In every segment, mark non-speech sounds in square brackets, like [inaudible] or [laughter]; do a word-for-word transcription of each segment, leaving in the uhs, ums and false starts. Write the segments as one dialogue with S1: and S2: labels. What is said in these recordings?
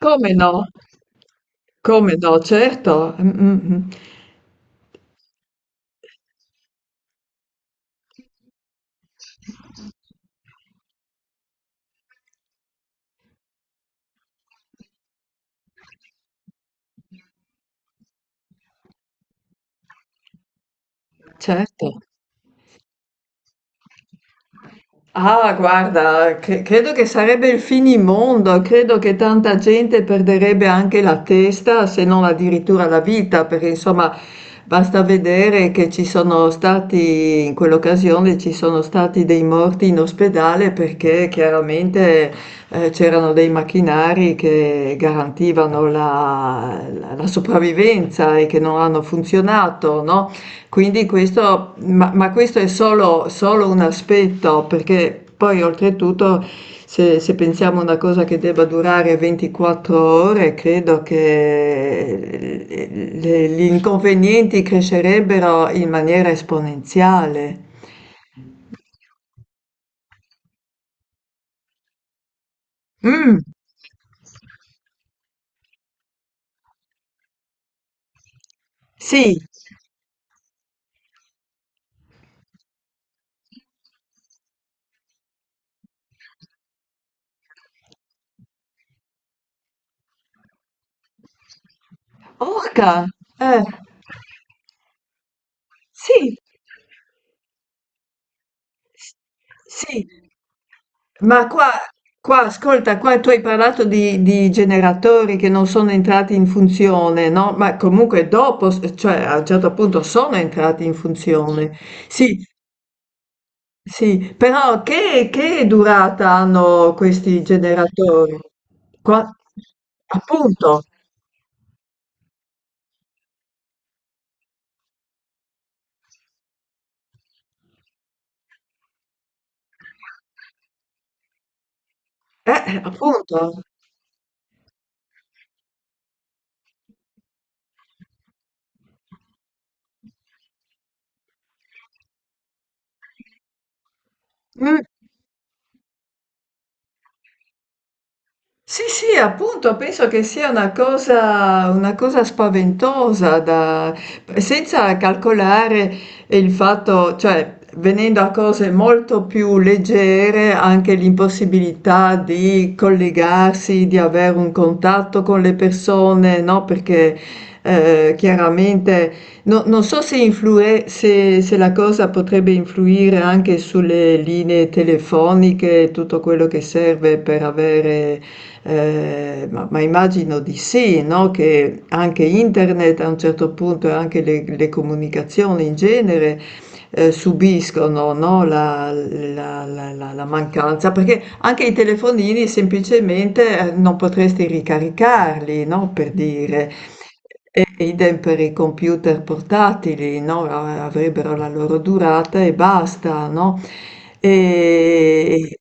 S1: Come no, come no, certo, mm, mm, mm, certo. Ah, guarda, cre- credo che sarebbe il finimondo, credo che tanta gente perderebbe anche la testa, se non addirittura la vita, perché insomma basta vedere che ci sono stati, in quell'occasione ci sono stati dei morti in ospedale perché chiaramente eh, c'erano dei macchinari che garantivano la, la- la sopravvivenza e che non hanno funzionato, no? Quindi questo, ma, ma questo è solo, solo un aspetto, perché poi oltretutto se, se pensiamo a una cosa che debba durare ventiquattro ore, credo che le- gli inconvenienti crescerebbero in maniera esponenziale. Mm, sì, orca, eh, sì. S Sì, ma qua qua ascolta, qua tu hai parlato di di generatori che non sono entrati in funzione, no, ma comunque dopo s cioè a un certo punto sono entrati in funzione. Sì, sì, però che che durata hanno questi generatori? Qua appunto, eh, appunto. Mm. Sì, sì, appunto, penso che sia una cosa, una cosa spaventosa da, senza calcolare il fatto, cioè venendo a cose molto più leggere, anche l'impossibilità di collegarsi, di avere un contatto con le persone, no? Perché eh, chiaramente no- non so se, influe- se, se la cosa potrebbe influire anche sulle linee telefoniche, tutto quello che serve per avere eh, ma, ma immagino di sì, no? Che anche internet a un certo punto e anche le, le comunicazioni in genere eh, subiscono, no? La, la- la- la- la mancanza, perché anche i telefonini semplicemente eh, non potresti ricaricarli, no? Per dire. E idem per i computer portatili, no? Avrebbero la loro durata e basta, no? E,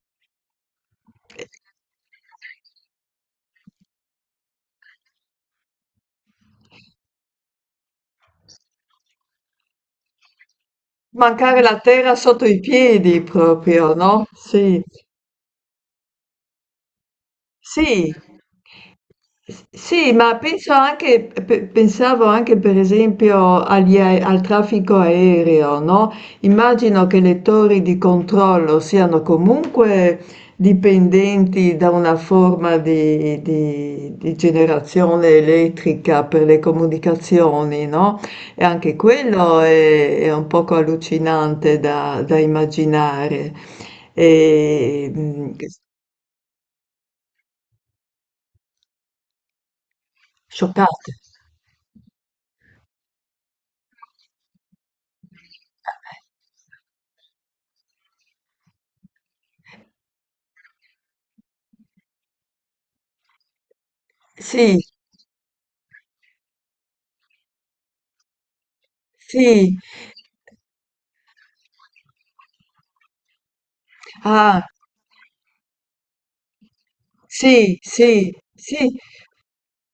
S1: Mancare la terra sotto i piedi proprio, no, sì. Sì. S Sì, ma penso anche pe pensavo anche per esempio agli ae al traffico aereo, no, immagino che le torri di controllo siano comunque dipendenti da una forma di di di generazione elettrica per le comunicazioni, no, e anche quello è è un poco allucinante da da immaginare. Ehm, Scioccante. Sì, sì, ah, sì, sì, sì,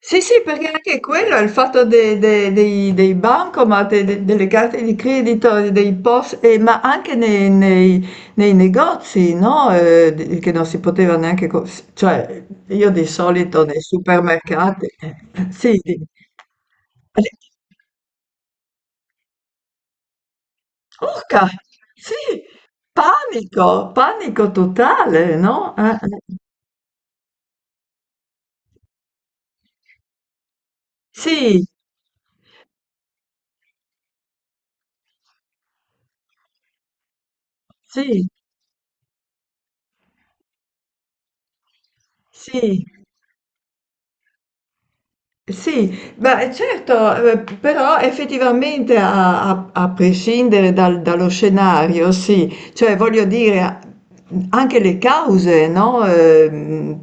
S1: sì, sì, perché anche quello è il fatto de- de- dei, dei bancomat, e de- delle carte di credito, e dei P O S, e- ma anche nei, nei- nei negozi, no? Eh, di- che non si poteva neanche, co- cioè io di solito nei supermercati, eh, eh, sì, di- eh, urca, sì, panico, panico totale, no? Eh, eh, sì, sì, sì. Sì, beh certo, ehm, p però effettivamente a a a prescindere dal dallo scenario, sì, cioè voglio dire a mhmm, anche le cause, no, ehm,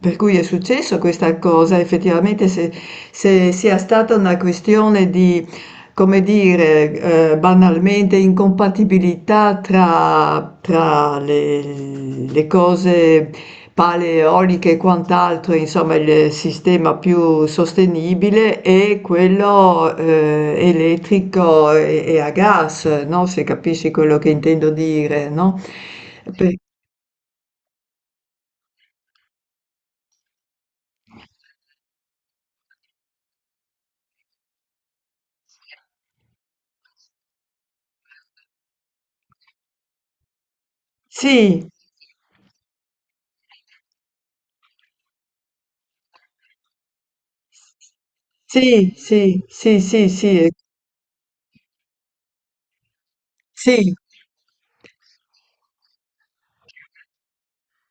S1: per cui è successo questa cosa, effettivamente se se sia stata una questione di, come dire, ehm, banalmente incompatibilità tra tra le le cose paleoliche e quant'altro, insomma il sistema più sostenibile è quello eh, elettrico e, e a gas, no? Se capisci quello che intendo dire, no? Per- Sì, sì, sì, sì, sì, sì, eh, sì,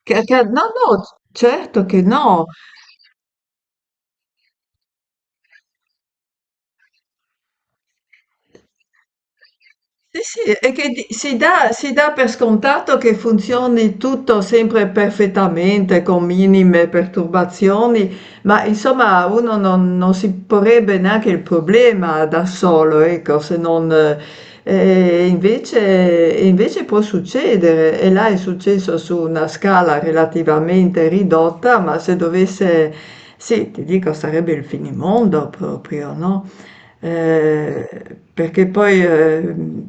S1: che- che- no, no, certo che no, Sì, sì, è che di- si dà, si dà per scontato che funzioni tutto sempre perfettamente, con minime perturbazioni, ma insomma uno non, non si porrebbe neanche il problema da solo, ecco, se non... eh, eh, invece, invece può succedere, e là è successo su una scala relativamente ridotta, ma se dovesse... Sì, ti dico, sarebbe il finimondo proprio, no? Eh, perché poi ehm,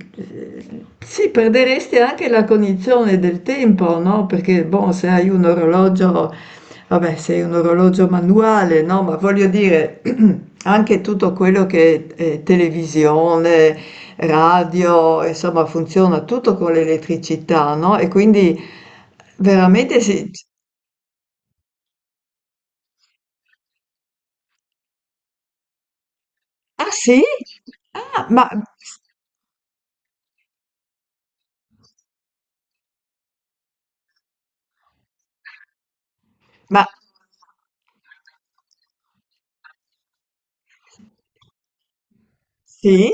S1: sì, perderesti anche la cognizione del tempo, no? Perché boh, se hai un orologio, vabbè, se hai un orologio manuale, no? Ma voglio dire, [clears throat] anche tutto quello che è televisione, radio, insomma, funziona tutto con l'elettricità, no? E quindi veramente sì. Ah sì? Ah, ma, ma sì?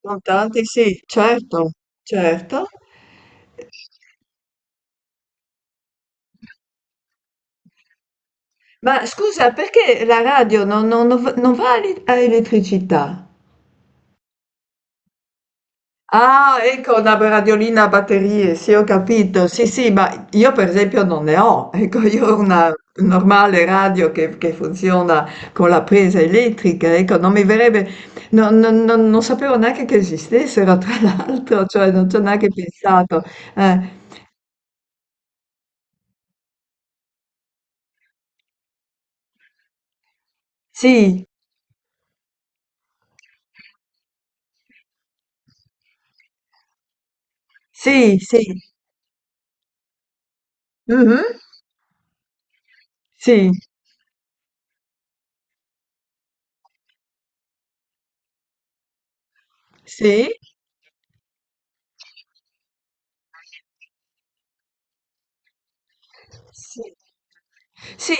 S1: Contanti sì, certo, certo. Ma scusa, perché la radio non, non- non va non va a ele- a elettricità? Ah, ecco, una radiolina a batterie, sì, ho capito. Sì, sì, ma io per esempio non ne ho. [laughs] Ecco, io ho una normale radio che, che funziona con la presa elettrica. Ecco, non mi verrebbe, non, non- non- non sapevo neanche che esistessero, tra [laughs] l'altro, cioè non ci ho neanche pensato. Eh, sì, sì, sì. Mhm, sì. Sì? Sì. Sì,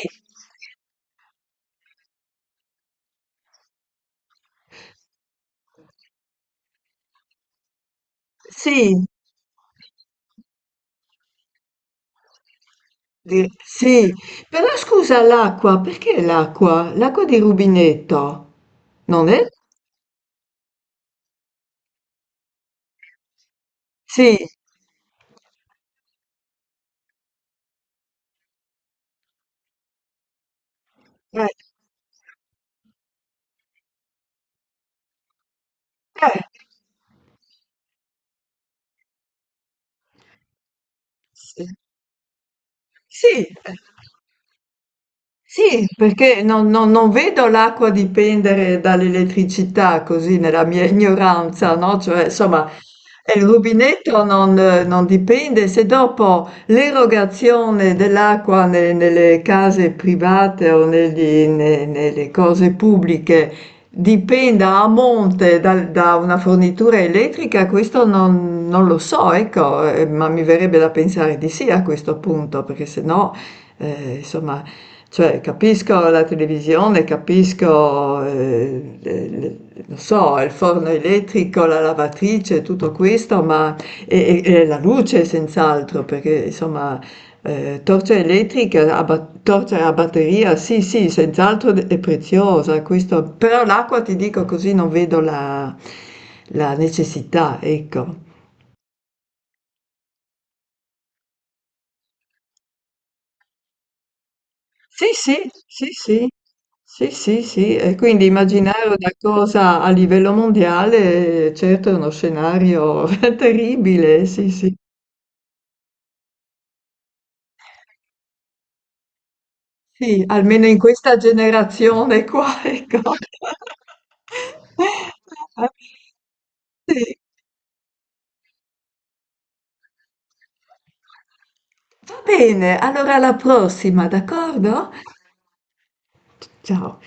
S1: sì, di- sì. Però scusa, l'acqua, perché l'acqua? L'acqua di rubinetto, non è? Sì, eh, eh, sì. Sì. Eh. Sì, perché non non non vedo l'acqua dipendere dall'elettricità così nella mia [laughs] ignoranza, no, cioè insomma, ehm, il rubinetto non eh, non dipende se dopo l'erogazione dell'acqua ne nelle case private o negli ne nelle cose pubbliche dipenda a monte dal da una fornitura elettrica, questo non non lo so, ecco, ehm, ma mi verrebbe da pensare di sì a questo punto, perché se no, ehm, insomma cioè, capisco la televisione, capisco, ehm, le le non so, il forno elettrico, la lavatrice, tutto questo, ma e e e la luce senz'altro, perché insomma, ehm, torcia elettrica a ba torcia a batteria, sì, sì, senz'altro d è preziosa, questo però l'acqua ti dico così non vedo la la necessità, ecco. Sì, sì, sì, sì, sì, sì, sì, e quindi immaginare una cosa a livello mondiale, certo è uno scenario [laughs] terribile, sì, sì, sì, almeno in questa generazione qua, [laughs] ecco. Sì. Va bene, allora alla prossima, d'accordo? Ciao.